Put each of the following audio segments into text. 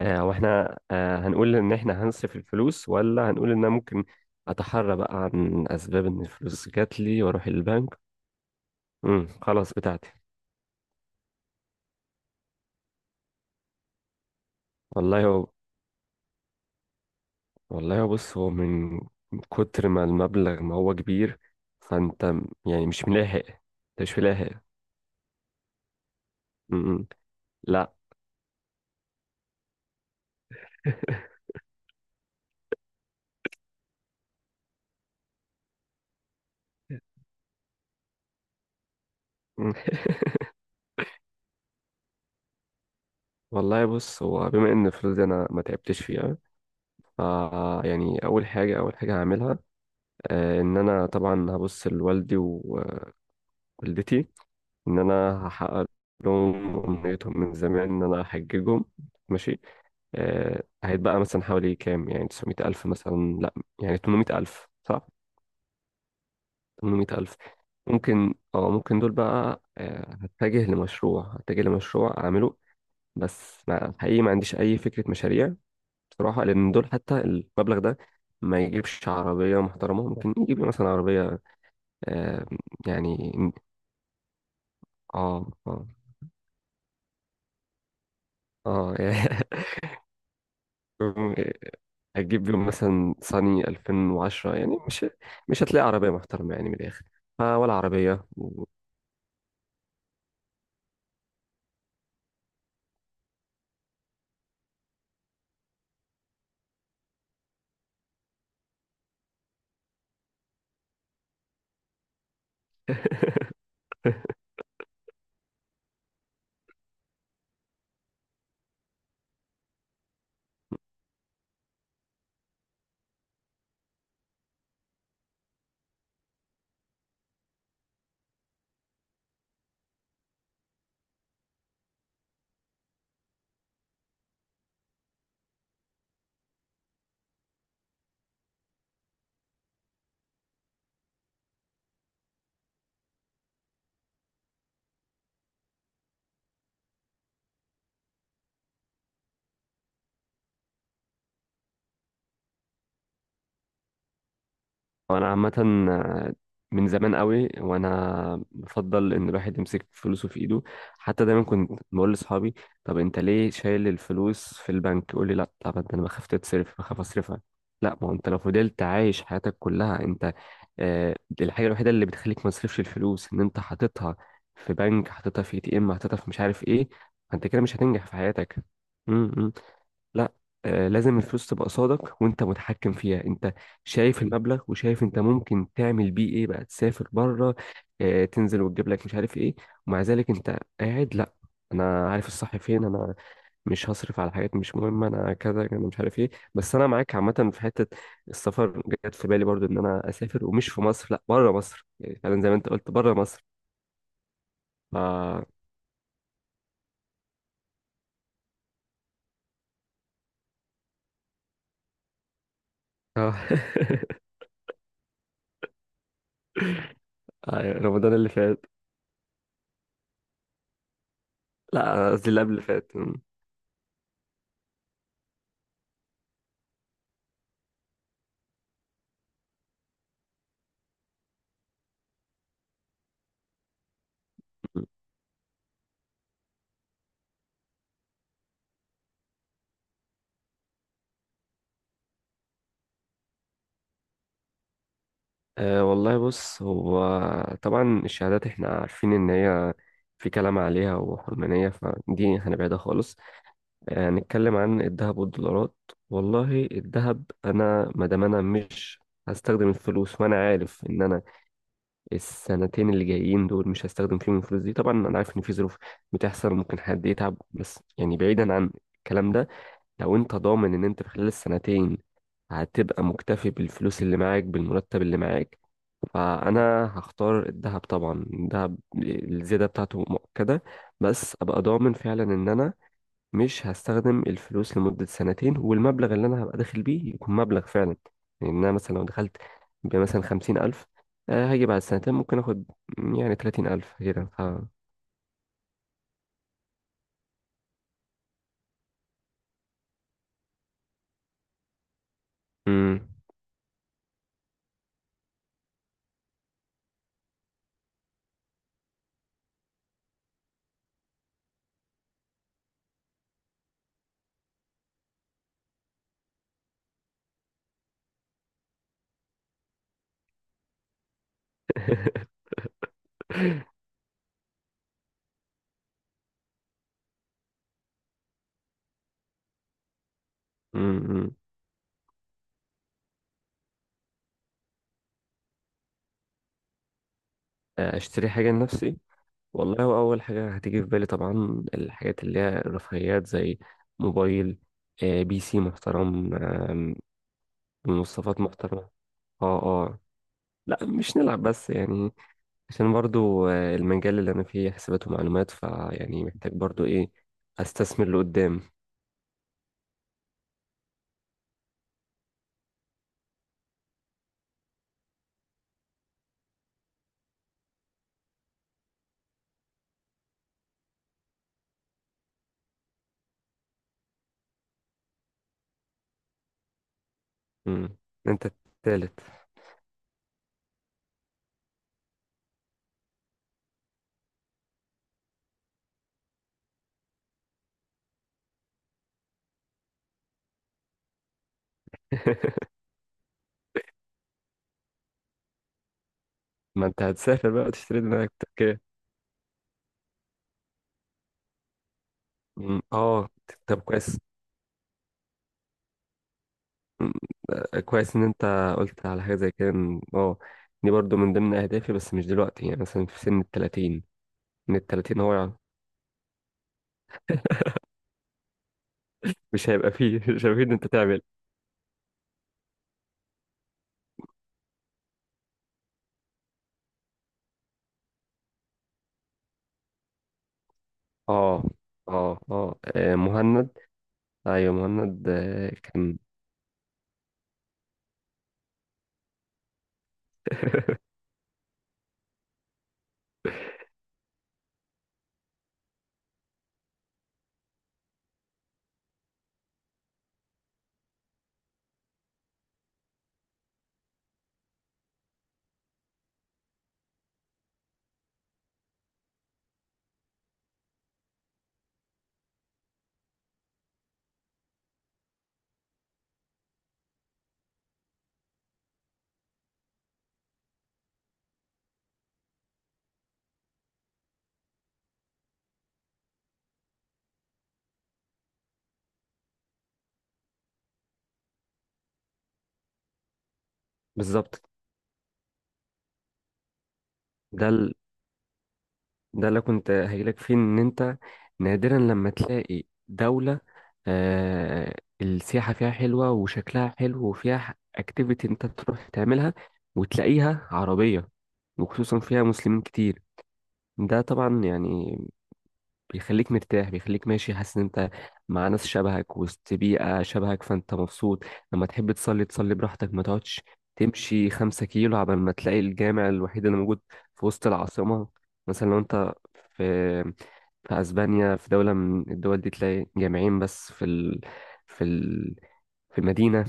واحنا هنقول ان احنا هنصف الفلوس ولا هنقول ان انا ممكن اتحرى بقى عن اسباب ان الفلوس جات لي واروح البنك. خلاص بتاعتي. والله هو والله هو بص هو من كتر ما المبلغ، ما هو كبير. فانت يعني مش ملاحق. انت مش ملاحق. امم لا. مم. والله بص هو بما ان الفلوس دي انا ما تعبتش فيها. ف يعني اول حاجه، هعملها ان انا طبعا هبص لوالدي ووالدتي. ان انا هحقق لهم امنيتهم من زمان، ان انا هحججهم. ماشي. هيتبقى مثلا حوالي كام، يعني 900 الف، مثلا لا، يعني 800 الف، صح، 800 الف. ممكن دول بقى هتجه لمشروع، اعمله. بس ما حقيقي ما عنديش اي فكرة مشاريع. بصراحة لان دول حتى المبلغ ده ما يجيبش عربية محترمة. ممكن يجيب لي مثلا عربية. آه يعني اه اه اه هتجيب بيهم مثلا صني 2010. يعني مش هتلاقي عربية محترمة يعني من الآخر، فولا عربية. انا عامه من زمان قوي، وانا بفضل ان الواحد يمسك فلوسه في ايده. حتى دايما كنت بقول لاصحابي: طب انت ليه شايل الفلوس في البنك؟ يقول لي لا. طب انت انا بخاف تتصرف، بخاف اصرفها. لا ما هو انت لو فضلت عايش حياتك كلها انت، الحاجه الوحيده اللي بتخليك ما تصرفش الفلوس ان انت حاططها في بنك، حاططها في اي تي ام، حاططها في مش عارف ايه. فانت كده مش هتنجح في حياتك. امم، امم. لا. لازم الفلوس تبقى صادق وانت متحكم فيها. انت شايف المبلغ وشايف انت ممكن تعمل بيه ايه بقى. تسافر بره، تنزل وتجيب لك مش عارف ايه، ومع ذلك انت قاعد. لا، انا عارف الصح فين انا، مش هصرف على حاجات مش مهمه. انا كذا، انا مش عارف ايه. بس انا معاك عامه في حته. السفر جت في بالي برضو، ان انا اسافر ومش في مصر، لا بره مصر. يعني فعلا زي ما انت قلت بره مصر. ف آه، رمضان اللي فات. لا، قصدي اللي قبل اللي فات. أه، والله بص هو طبعا الشهادات احنا عارفين ان هي في كلام عليها وحرمانية، فدي هنبعدها خالص. أه، نتكلم عن الذهب والدولارات. والله الذهب، انا ما دام انا مش هستخدم الفلوس، وانا عارف ان انا السنتين اللي جايين دول مش هستخدم فيهم الفلوس دي. طبعا انا عارف ان في ظروف بتحصل، ممكن حد يتعب، بس يعني بعيدا عن الكلام ده، لو انت ضامن ان انت في خلال السنتين هتبقى مكتفي بالفلوس اللي معاك، بالمرتب اللي معاك، فانا هختار الذهب. طبعا الذهب الزياده بتاعته مؤكده. بس ابقى ضامن فعلا ان انا مش هستخدم الفلوس لمده سنتين، والمبلغ اللي انا هبقى داخل بيه يكون مبلغ فعلا يعني. إن انا مثلا لو دخلت بمثلا 50 الف، هاجي بعد سنتين ممكن اخد يعني 30 الف كده. مم. مم، مم. اشتري حاجه لنفسي. والله هو أول حاجة هتيجي في بالي طبعا الحاجات اللي هي الرفاهيات، زي موبايل، بي سي محترم، مواصفات محترمة. اه، اه. لا مش نلعب، بس يعني عشان برضو المجال اللي أنا فيه حسابات ومعلومات، فيعني محتاج برضو إيه، أستثمر لقدام. مم. أنت التالت. ما أنت هتسافر بقى وتشتري دماغك تركيا. مم. اه. طب كويس، كويس ان انت قلت على حاجه زي كده. دي برضو من ضمن اهدافي، بس مش دلوقتي، يعني مثلا في سن ال 30، من ال 30 هو يعني مش هيبقى فيه مش هيبقى فيه إن انت تعمل. اه، اه، اه، مهند. ايوه مهند، كان بالظبط. ده ده اللي كنت هجيلك فيه، ان انت نادرا لما تلاقي دولة آه السياحة فيها حلوة وشكلها حلو وفيها اكتيفيتي انت تروح تعملها، وتلاقيها عربية، وخصوصا فيها مسلمين كتير. ده طبعا يعني بيخليك مرتاح، بيخليك ماشي حاسس ان انت مع ناس شبهك، وسط بيئة شبهك، فانت مبسوط. لما تحب تصلي تصلي براحتك، ما تقعدش تمشي 5 كيلو عبال ما تلاقي الجامع الوحيد اللي موجود في وسط العاصمة. مثلا لو انت في اسبانيا، في دولة من الدول دي، تلاقي جامعين بس في ال... في ال... في المدينة.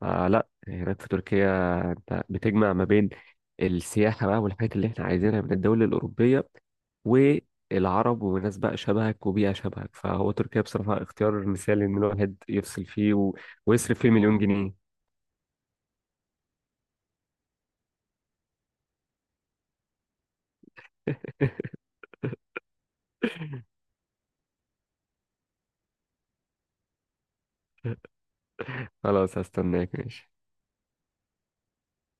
فلا، هناك في تركيا انت بتجمع ما بين السياحة بقى والحاجات اللي احنا عايزينها من الدول الأوروبية، والعرب وناس بقى شبهك وبيئة شبهك. فهو تركيا بصراحة اختيار مثالي إن الواحد يفصل فيه و... ويصرف فيه 1,000,000 جنيه. خلاص، هستناك. ماشي.